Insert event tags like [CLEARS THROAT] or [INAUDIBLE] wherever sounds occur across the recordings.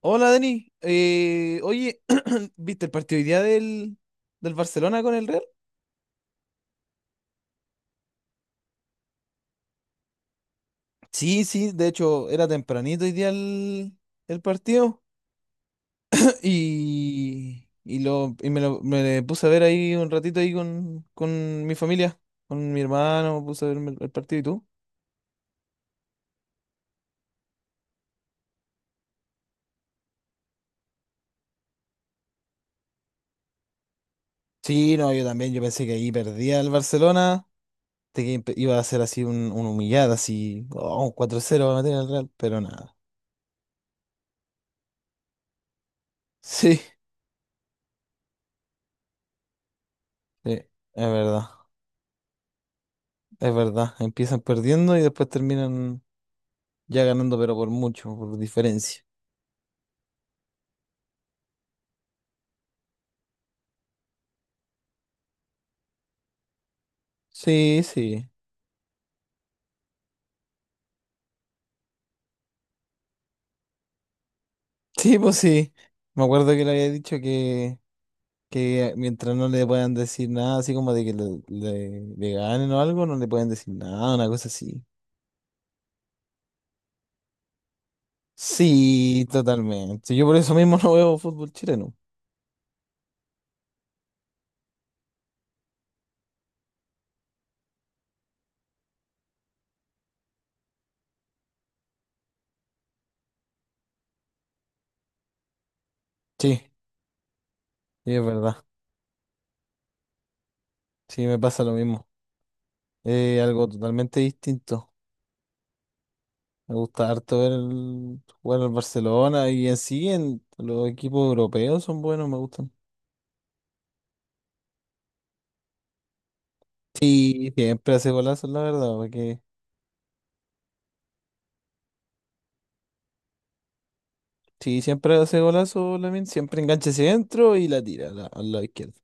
Hola Denis, oye, [CLEARS THROAT] ¿viste el partido hoy día del Barcelona con el Real? Sí, sí, de hecho era tempranito hoy día el partido [CLEARS THROAT] y me puse a ver ahí un ratito ahí con mi familia, con mi hermano, puse a ver el partido y tú. Sí, no, yo también, yo pensé que ahí perdía el Barcelona, de que iba a ser así un humillado, así, oh, un 4-0 va a meter el Real, pero nada. Sí, sí, es verdad. Es verdad, empiezan perdiendo y después terminan ya ganando, pero por mucho, por diferencia. Sí, sí. [LAUGHS] Sí, pues sí. Me acuerdo que le había dicho que mientras no le puedan decir nada, así como de que le ganen o algo, no le pueden decir nada, una cosa así. Sí, totalmente. Yo por eso mismo [LAUGHS] no veo fútbol chileno. Sí, sí, es verdad. Sí, me pasa lo mismo. Algo totalmente distinto. Me gusta harto ver jugar al Barcelona y en sí en los equipos europeos son buenos, me gustan. Sí, siempre hace golazos, la verdad, porque sí, siempre hace golazos, Lamine, siempre engancha hacia adentro y la tira a al lado izquierdo.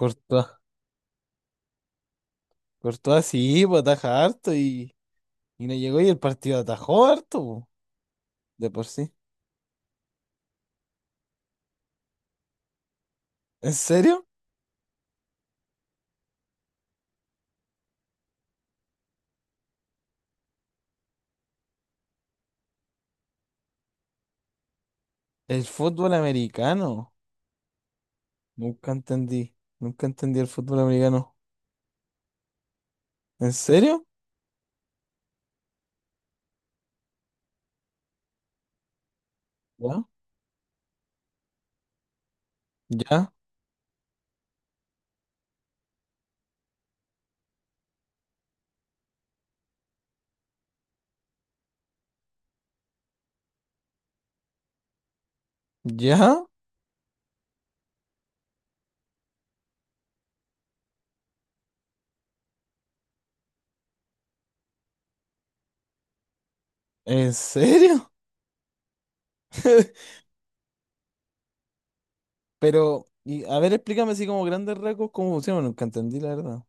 Courtois, Courtois sí, pues ataja harto y no llegó y el partido atajó harto, po, de por sí. ¿En serio? El fútbol americano. Nunca entendí, nunca entendí el fútbol americano. ¿En serio? ¿Ya? ¿Ya? ¿Ya? ¿En serio? [LAUGHS] Pero, y, a ver, explícame así como grandes rasgos cómo funciona. Nunca entendí, la verdad.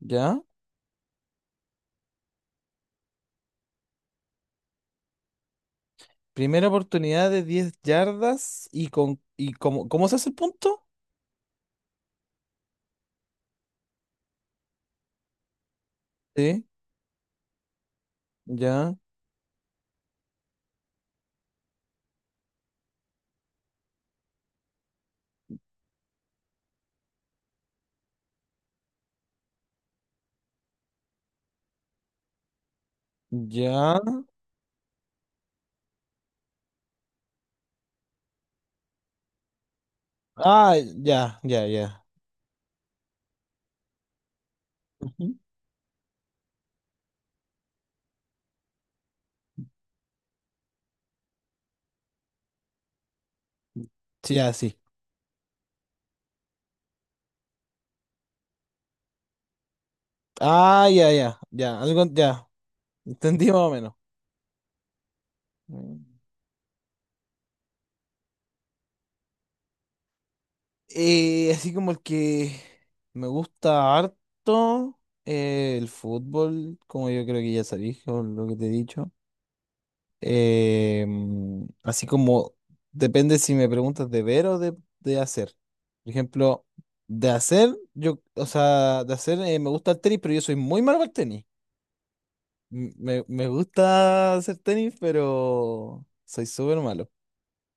¿Ya? Primera oportunidad de 10 yardas y con y cómo, ¿cómo se hace el punto? Sí, ya, ya. Ah, ya, ya, ya. Ujú. Sí, ya, sí. Ah, ya, ya, ya. Algo, ya. Entendí más o menos. Mm. Así como el que me gusta harto, el fútbol, como yo creo que ya sabéis, o lo que te he dicho. Así como depende si me preguntas de ver de hacer. Por ejemplo, de hacer, yo, o sea, de hacer me gusta el tenis, pero yo soy muy malo para el tenis. Me gusta hacer tenis, pero soy súper malo.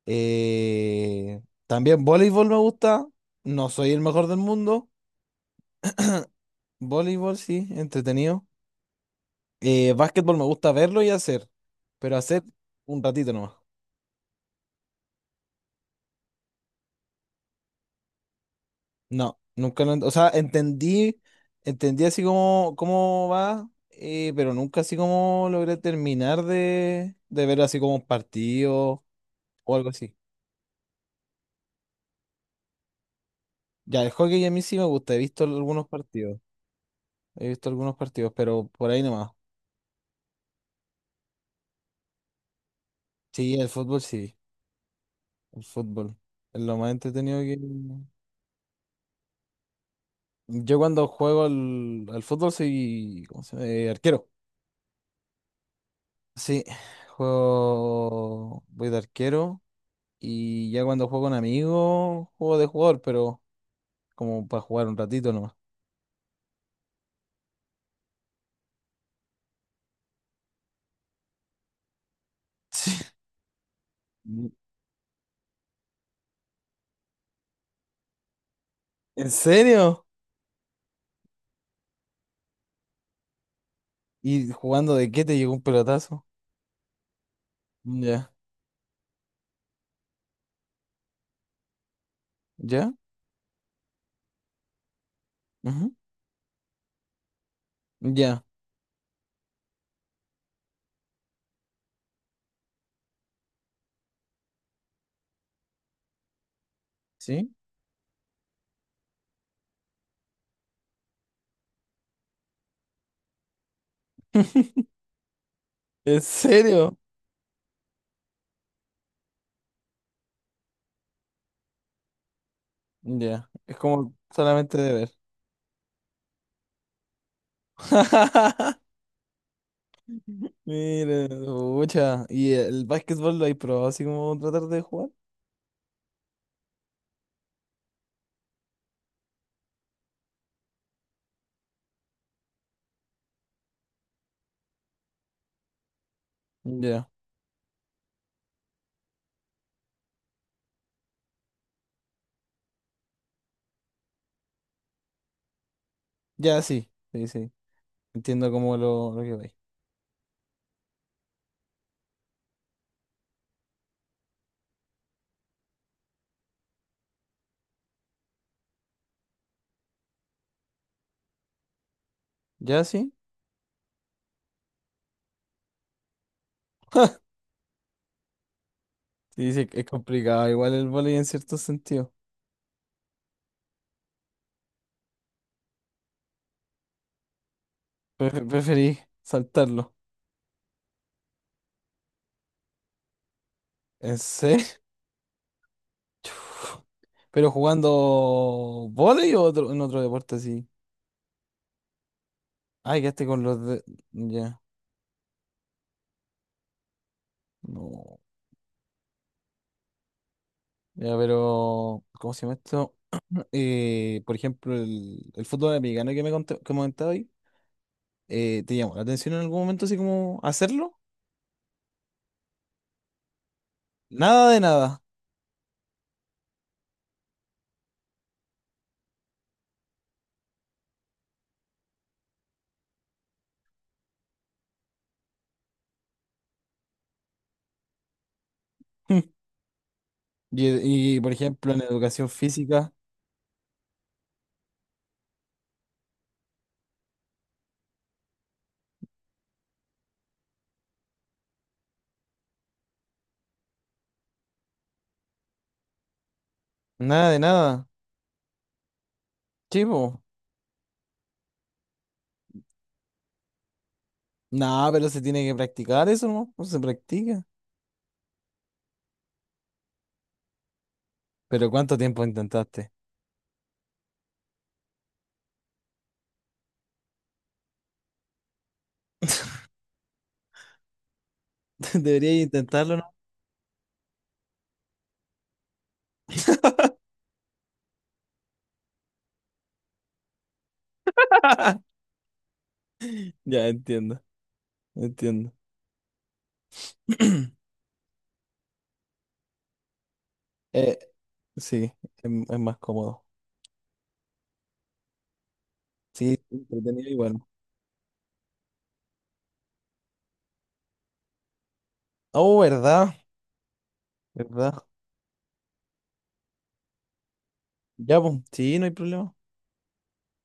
Eh, también voleibol me gusta. No soy el mejor del mundo. Voleibol, sí, entretenido. Básquetbol me gusta verlo y hacer, pero hacer un ratito nomás. No, nunca lo, ent- o sea, entendí, entendí así como cómo va, pero nunca así como logré terminar de ver así como un partido o algo así. Ya, el hockey a mí sí me gusta, he visto algunos partidos, he visto algunos partidos, pero por ahí nomás. Sí, el fútbol sí, el fútbol. Es lo más entretenido que... Yo cuando juego al fútbol soy, ¿cómo se llama? Arquero. Sí, juego, voy de arquero. Y ya cuando juego con amigos, juego de jugador, pero como para jugar un ratito nomás. [LAUGHS] Sí. Mm. ¿En serio? ¿Y jugando de qué te llegó un pelotazo? Ya, ya, ujú, ya, ¿sí? ¿En serio? Ya, es como solamente de ver. [LAUGHS] Mire mucha. ¿Y el básquetbol lo hay probado así como tratar de jugar? Ya, ya, sí, sí, sí. Entiendo como lo que vais. Ya, sí. Sí, sí, es complicado, igual el vóley en cierto sentido. Preferí saltarlo. ¿En serio? [LAUGHS] Chuf. ¿Pero jugando vóley en otro deporte así? Ay, quedaste con los de... Ya, no. Ya, pero... ¿Cómo se llama esto? Por ejemplo, el fútbol americano que comentaba hoy, ¿te llamó la atención en algún momento así como hacerlo? Nada de nada. [LAUGHS] Y, y, por ejemplo, en educación física, nada de nada. Chivo. Nada, pero se tiene que practicar eso, ¿no? No se practica. Pero ¿cuánto tiempo intentaste? [LAUGHS] Debería intentarlo, ¿no? [LAUGHS] Ya entiendo, entiendo. [CLEARS THROAT] Eh, sí, es, es más cómodo. Sí, entretenido y bueno. Oh, ¿verdad? ¿Verdad? Ya, pues, sí, no hay problema.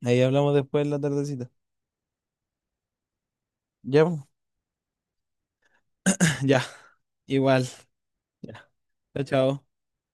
Ahí hablamos después en la tardecita. Ya, pues, [LAUGHS] ya, igual. Ya. Chao, chao.